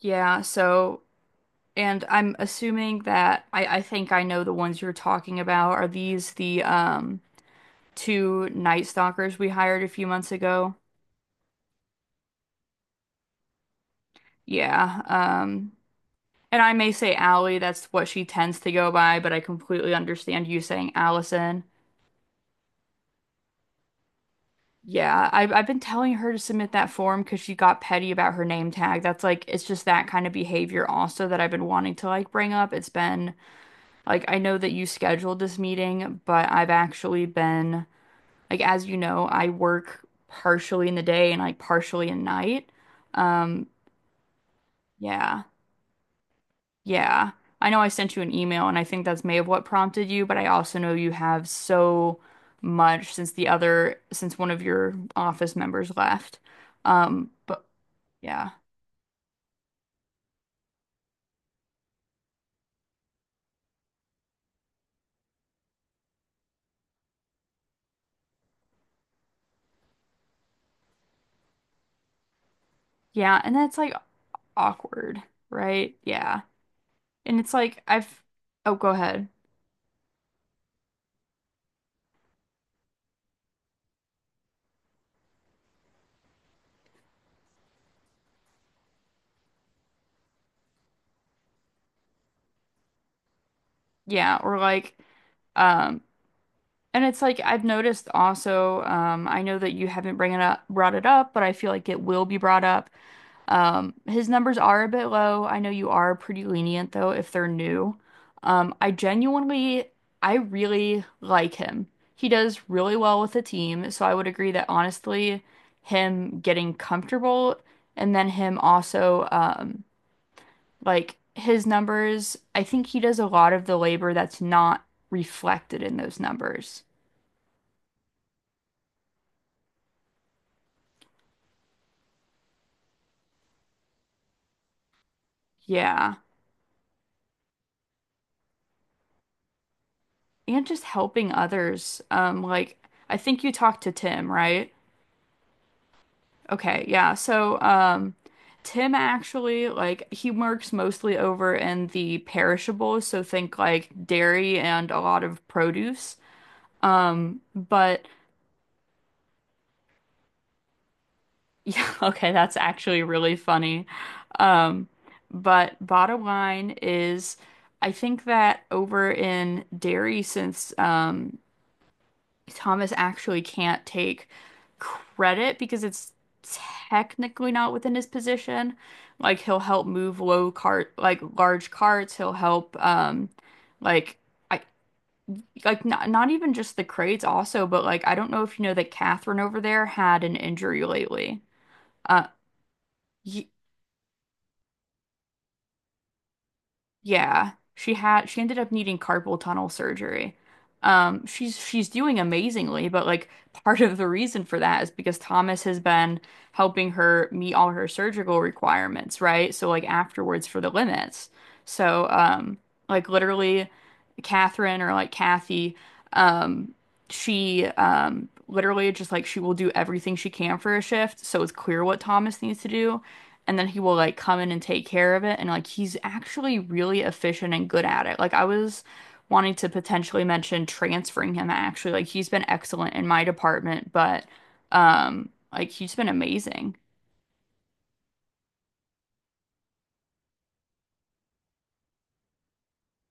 Yeah, so and I'm assuming that I think I know the ones you're talking about. Are these the two Night Stalkers we hired a few months ago? Yeah. And I may say Allie, that's what she tends to go by, but I completely understand you saying Allison. Yeah, I've been telling her to submit that form because she got petty about her name tag. That's like it's just that kind of behavior also that I've been wanting to like bring up. It's been. I know that you scheduled this meeting, but I've actually been. Like as you know, I work partially in the day and like partially in night. Um, yeah. Yeah. I know I sent you an email and I think that's may have what prompted you, but I also know you have so much since the other since one of your office members left. But yeah. Yeah, and that's like awkward, right? Yeah. And it's like I've Oh, go ahead. Yeah, or um and it's like I've noticed also, I know that you haven't bring it up, brought it up, but I feel like it will be brought up. His numbers are a bit low. I know you are pretty lenient though if they're new. Um, I genuinely, I really like him. He does really well with the team, so I would agree that honestly, him getting comfortable and then him also like his numbers, I think he does a lot of the labor that's not reflected in those numbers. Yeah. And just helping others. I think you talked to Tim, right? Okay, yeah. Tim actually like he works mostly over in the perishables, so think like dairy and a lot of produce. But yeah, okay, that's actually really funny. Um, but bottom line is I think that over in dairy, since Thomas actually can't take credit because it's technically not within his position. Like he'll help move low cart, like large carts. He'll help, like I like not even just the crates also, but like I don't know if you know that Catherine over there had an injury lately. Uh, y Yeah, she ended up needing carpal tunnel surgery. She's doing amazingly, but like part of the reason for that is because Thomas has been helping her meet all her surgical requirements, right? So like afterwards for the limits. So um literally Catherine or like Kathy, um she literally just like she will do everything she can for a shift, so it's clear what Thomas needs to do and then he will like come in and take care of it, and like he's actually really efficient and good at it. Like I was wanting to potentially mention transferring him, actually. Like he's been excellent in my department, but like he's been amazing.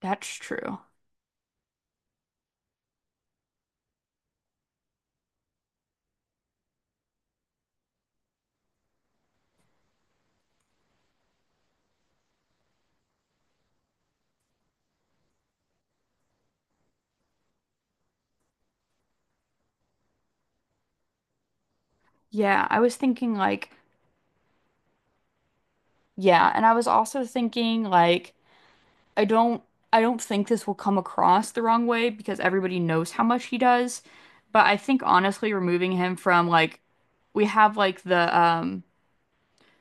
That's true. Yeah, I was thinking like yeah, and I was also thinking like i don't I don't think this will come across the wrong way because everybody knows how much he does, but I think honestly removing him from like we have like the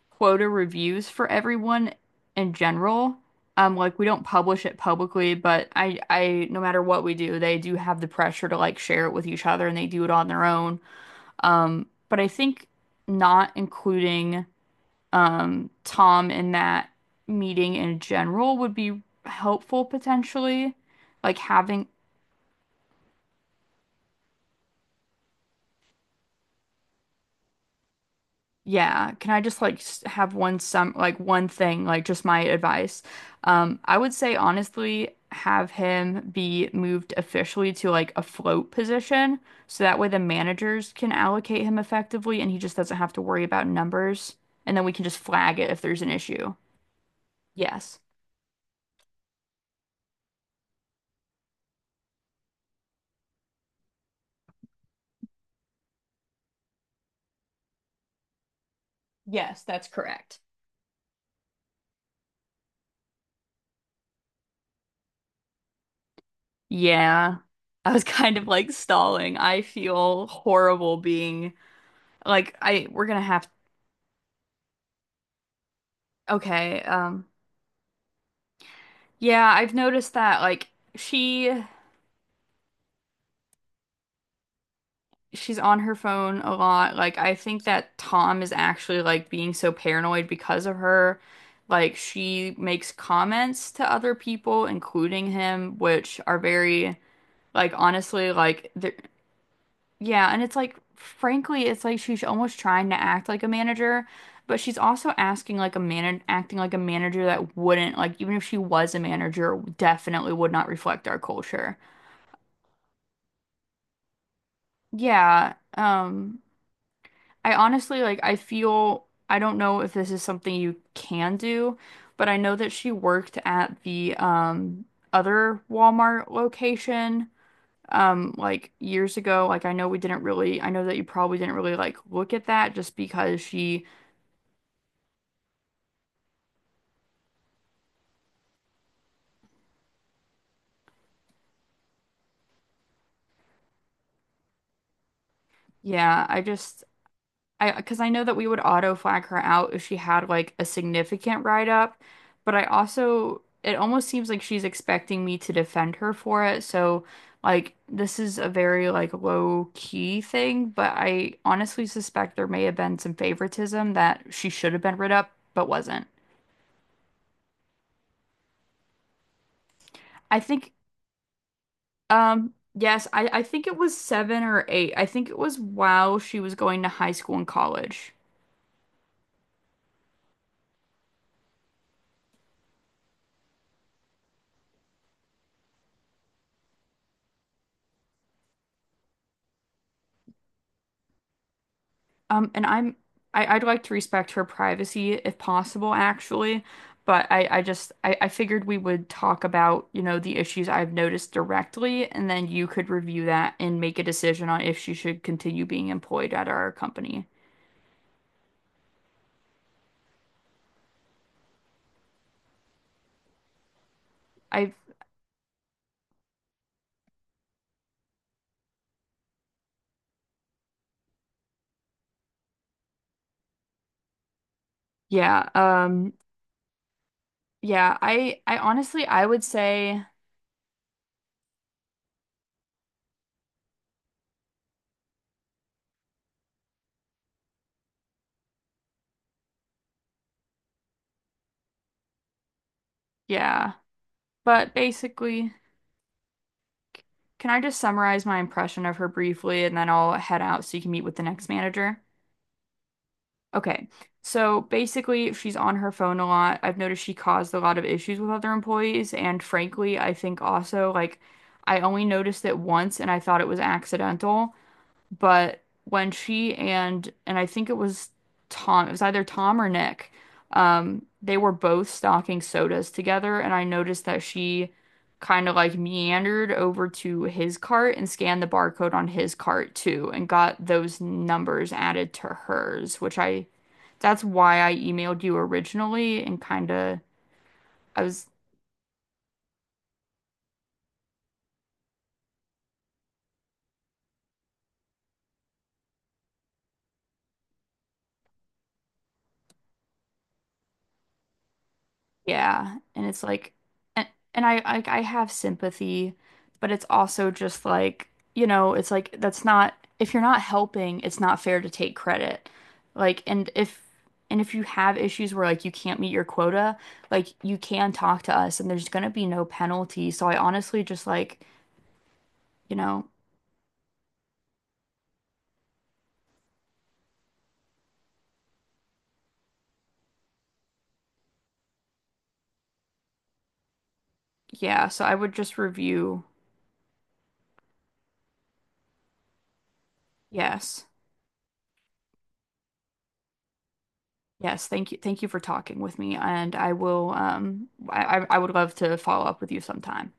quota reviews for everyone in general. Like we don't publish it publicly, but no matter what we do, they do have the pressure to like share it with each other, and they do it on their own. But I think not including Tom in that meeting in general would be helpful, potentially. Like having. Yeah, can I just like have one thing, like just my advice? I would say honestly have him be moved officially to like a float position so that way the managers can allocate him effectively and he just doesn't have to worry about numbers, and then we can just flag it if there's an issue. Yes. Yes, that's correct. Yeah. I was kind of like stalling. I feel horrible being like I we're gonna have. Okay, yeah, I've noticed that she she's on her phone a lot. Like I think that Tom is actually like being so paranoid because of her. Like she makes comments to other people, including him, which are very like honestly like they're- yeah, and it's like frankly, it's like she's almost trying to act like a manager, but she's also asking like a man acting like a manager that wouldn't like, even if she was a manager, definitely would not reflect our culture. Yeah. I honestly like I feel I don't know if this is something you can do, but I know that she worked at the other Walmart location like years ago. Like I know that you probably didn't really like look at that just because she yeah, I because I know that we would auto flag her out if she had like a significant write up, but I also it almost seems like she's expecting me to defend her for it. So like this is a very like low key thing, but I honestly suspect there may have been some favoritism that she should have been rid up but wasn't. I think yes, I think it was seven or eight. I think it was while she was going to high school and college. And I'm I, I'd like to respect her privacy if possible, actually. But I figured we would talk about, you know, the issues I've noticed directly, and then you could review that and make a decision on if she should continue being employed at our company. I Yeah, yeah, I honestly I would say yeah. But basically, can I just summarize my impression of her briefly and then I'll head out so you can meet with the next manager? Okay. So basically, she's on her phone a lot. I've noticed she caused a lot of issues with other employees. And frankly, I think also, like, I only noticed it once and I thought it was accidental. But when she and I think it was Tom, it was either Tom or Nick, they were both stocking sodas together, and I noticed that she kind of like meandered over to his cart and scanned the barcode on his cart too, and got those numbers added to hers, which I that's why I emailed you originally and kind of I was Yeah, and it's like and, and I have sympathy, but it's also just like, you know, it's like that's not if you're not helping, it's not fair to take credit. Like and if you have issues where like you can't meet your quota, like you can talk to us and there's gonna be no penalty. So I honestly just like, you know, yeah, so I would just review. Yes. Yes, thank you. Thank you for talking with me and I will I would love to follow up with you sometime.